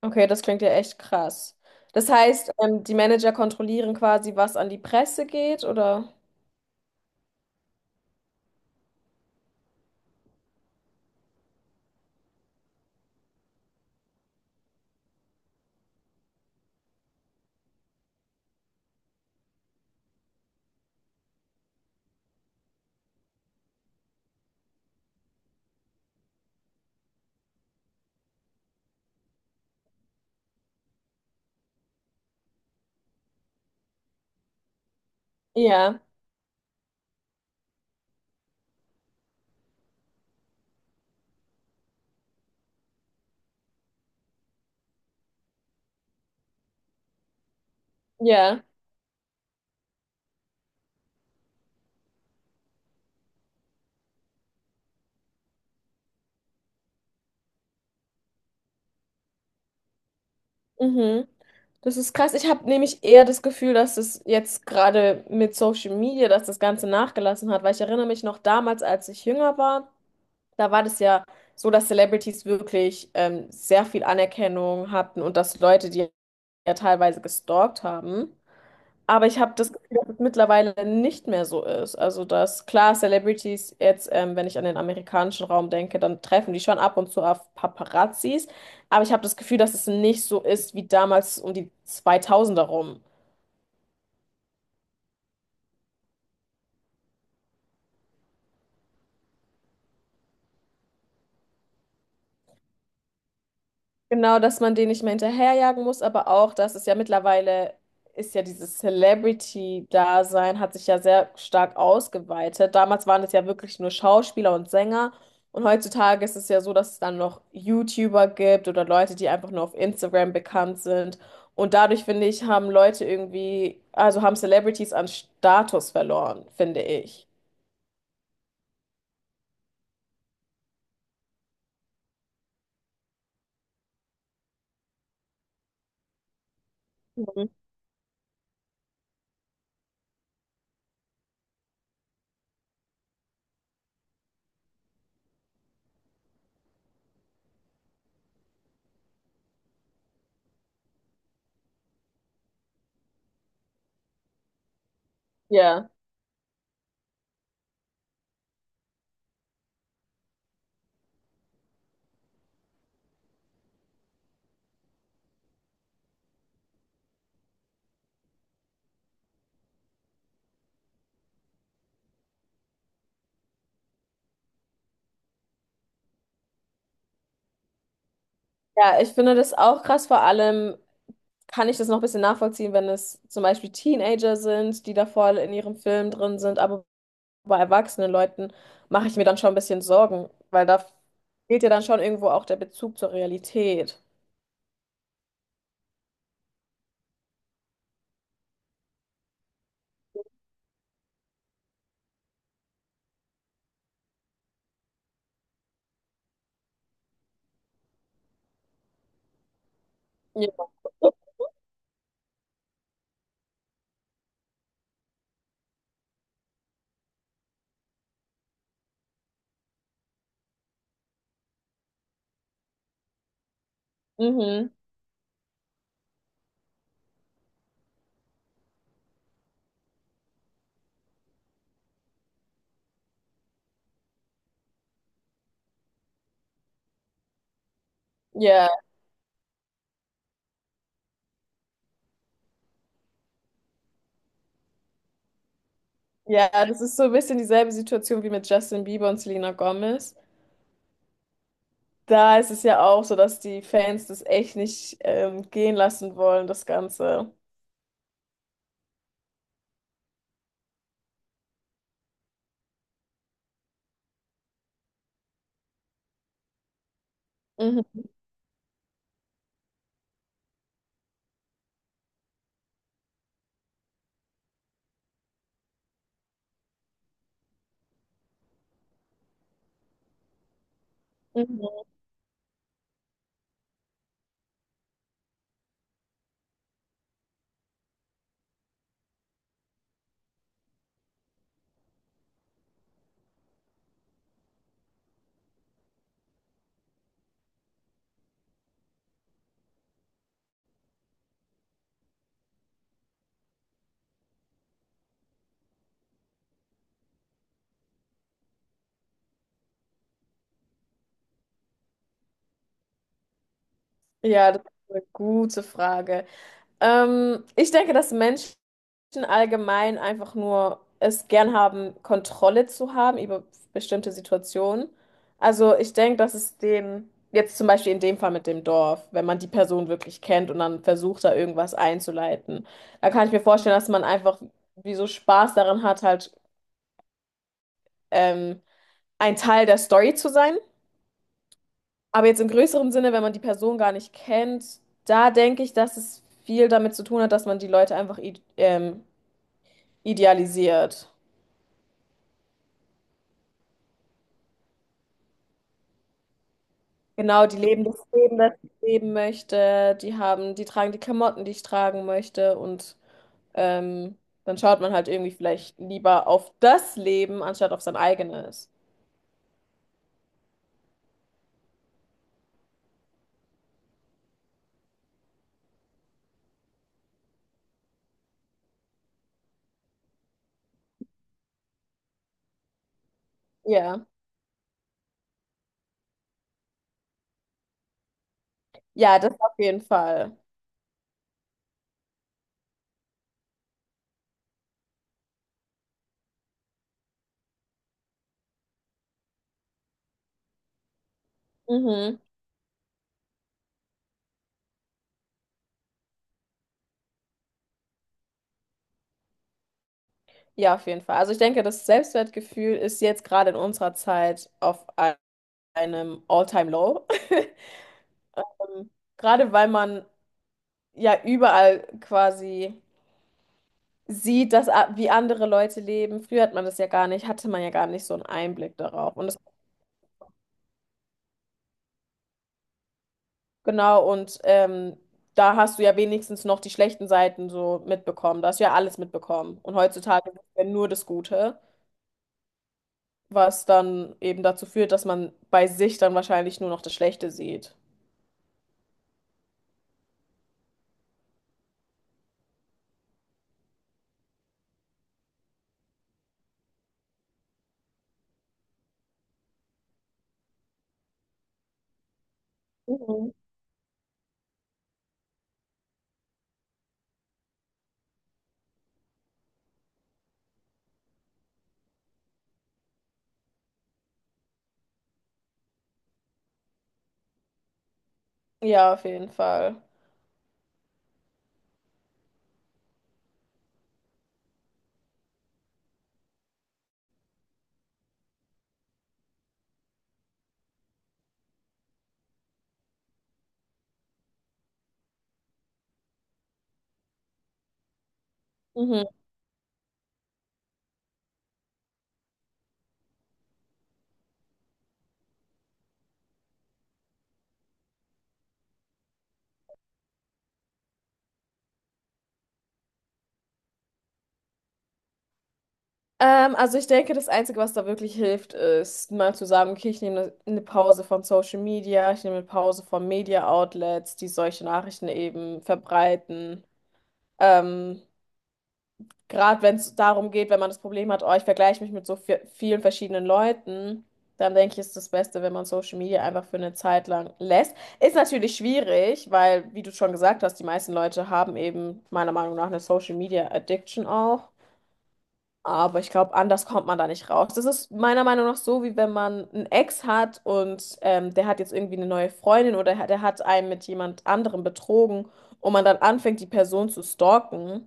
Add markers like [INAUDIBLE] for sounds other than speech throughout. Okay, das klingt ja echt krass. Das heißt, die Manager kontrollieren quasi, was an die Presse geht, oder? Ja, ja. Mhm. Das ist krass. Ich habe nämlich eher das Gefühl, dass es jetzt gerade mit Social Media, dass das Ganze nachgelassen hat, weil ich erinnere mich noch damals, als ich jünger war, da war das ja so, dass Celebrities wirklich sehr viel Anerkennung hatten und dass Leute die ja teilweise gestalkt haben. Aber ich habe das Gefühl, dass es mittlerweile nicht mehr so ist. Also, dass klar, Celebrities jetzt, wenn ich an den amerikanischen Raum denke, dann treffen die schon ab und zu auf Paparazzis. Aber ich habe das Gefühl, dass es nicht so ist wie damals um die 2000er rum. Genau, dass man den nicht mehr hinterherjagen muss, aber auch, dass es ja mittlerweile ist ja dieses Celebrity-Dasein hat sich ja sehr stark ausgeweitet. Damals waren es ja wirklich nur Schauspieler und Sänger und heutzutage ist es ja so, dass es dann noch YouTuber gibt oder Leute, die einfach nur auf Instagram bekannt sind. Und dadurch, finde ich, haben Leute irgendwie, also haben Celebrities an Status verloren, finde ich. Mhm. Ja. Ja, ich finde das auch krass, vor allem kann ich das noch ein bisschen nachvollziehen, wenn es zum Beispiel Teenager sind, die da voll in ihrem Film drin sind, aber bei erwachsenen Leuten mache ich mir dann schon ein bisschen Sorgen, weil da fehlt ja dann schon irgendwo auch der Bezug zur Realität. Ja. Mhm. Ja, ja, das ist so ein bisschen dieselbe Situation wie mit Justin Bieber und Selena Gomez. Da ist es ja auch so, dass die Fans das echt nicht gehen lassen wollen, das Ganze. Mhm. Mhm. Ja, das ist eine gute Frage. Ich denke, dass Menschen allgemein einfach nur es gern haben, Kontrolle zu haben über bestimmte Situationen. Also ich denke, dass es den, jetzt zum Beispiel in dem Fall mit dem Dorf, wenn man die Person wirklich kennt und dann versucht, da irgendwas einzuleiten, da kann ich mir vorstellen, dass man einfach wie so Spaß daran hat, halt, ähm, ein Teil der Story zu sein. Aber jetzt im größeren Sinne, wenn man die Person gar nicht kennt, da denke ich, dass es viel damit zu tun hat, dass man die Leute einfach idealisiert. Genau, die leben das Leben, das ich leben möchte, die haben, die tragen die Klamotten, die ich tragen möchte und ähm, dann schaut man halt irgendwie vielleicht lieber auf das Leben, anstatt auf sein eigenes. Ja, ja, das auf jeden Fall. Mhm. Ja, auf jeden Fall. Also ich denke, das Selbstwertgefühl ist jetzt gerade in unserer Zeit auf einem All-Time-Low. [LAUGHS] Ähm, Gerade weil man ja überall quasi sieht, dass, wie andere Leute leben. Früher hat man das ja gar nicht, hatte man ja gar nicht so einen Einblick darauf. Und das, genau, und da hast du ja wenigstens noch die schlechten Seiten so mitbekommen. Da hast du ja alles mitbekommen. Und heutzutage ist ja nur das Gute, was dann eben dazu führt, dass man bei sich dann wahrscheinlich nur noch das Schlechte sieht. Mhm. Ja, auf jeden Fall. Mhm. Also ich denke, das Einzige, was da wirklich hilft, ist mal zu sagen, okay, ich nehme eine Pause von Social Media, ich nehme eine Pause von Media Outlets, die solche Nachrichten eben verbreiten. Ähm, Gerade wenn es darum geht, wenn man das Problem hat, oh, ich vergleiche mich mit so vielen verschiedenen Leuten, dann denke ich, ist das Beste, wenn man Social Media einfach für eine Zeit lang lässt. Ist natürlich schwierig, weil, wie du schon gesagt hast, die meisten Leute haben eben meiner Meinung nach eine Social Media Addiction auch. Aber ich glaube, anders kommt man da nicht raus. Das ist meiner Meinung nach so, wie wenn man einen Ex hat und der hat jetzt irgendwie eine neue Freundin oder der hat einen mit jemand anderem betrogen und man dann anfängt, die Person zu stalken.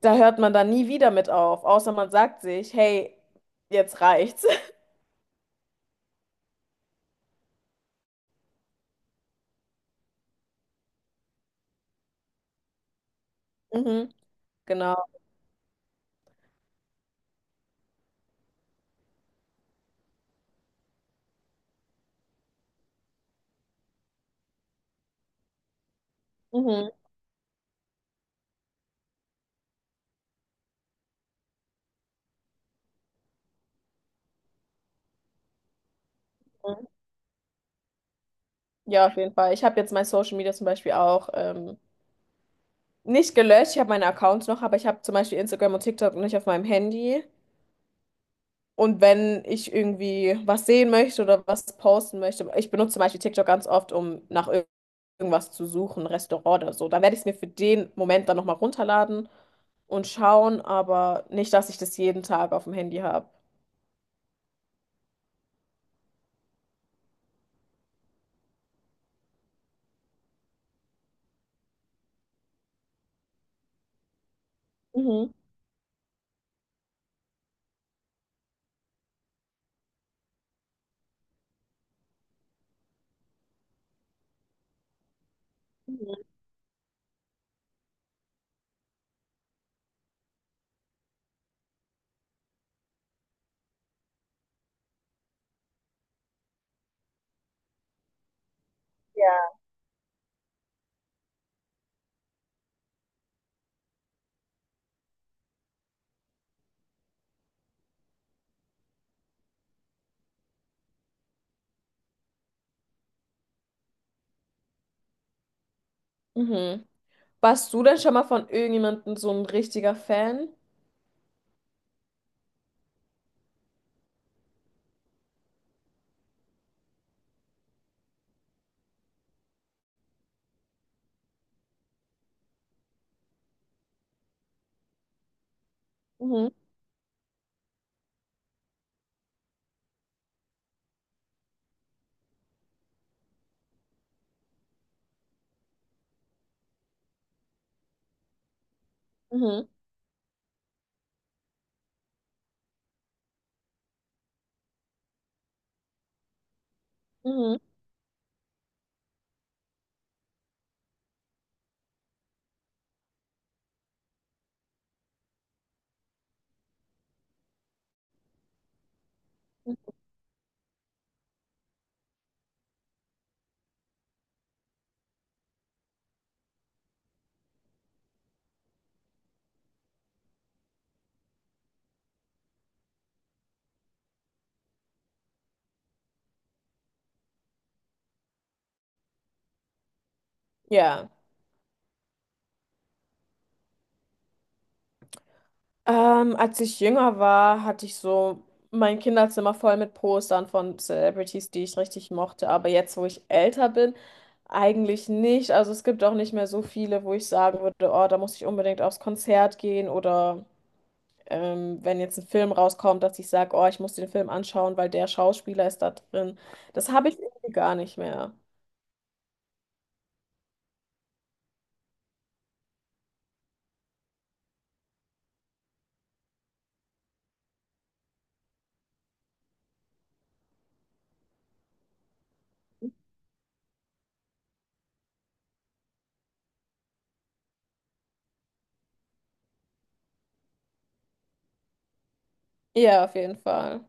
Da hört man dann nie wieder mit auf, außer man sagt sich, hey, jetzt reicht's. [LAUGHS] Mhm, genau. Mhm, mhm. Ja, auf jeden Fall. Ich habe jetzt mein Social Media zum Beispiel auch nicht gelöscht. Ich habe meine Accounts noch, aber ich habe zum Beispiel Instagram und TikTok nicht auf meinem Handy. Und wenn ich irgendwie was sehen möchte oder was posten möchte, ich benutze zum Beispiel TikTok ganz oft, um nach irgendwas zu suchen, Restaurant oder so. Dann werde ich es mir für den Moment dann nochmal runterladen und schauen, aber nicht, dass ich das jeden Tag auf dem Handy habe. Mhm. Mhm. Warst du denn schon mal von irgendjemandem so ein richtiger Fan? Mhm. Mhm. Mhm. Ja. Als ich jünger war, hatte ich so mein Kinderzimmer voll mit Postern von Celebrities, die ich richtig mochte. Aber jetzt, wo ich älter bin, eigentlich nicht. Also es gibt auch nicht mehr so viele, wo ich sagen würde, oh, da muss ich unbedingt aufs Konzert gehen oder wenn jetzt ein Film rauskommt, dass ich sage, oh, ich muss den Film anschauen, weil der Schauspieler ist da drin. Das habe ich irgendwie gar nicht mehr. Ja, auf jeden Fall.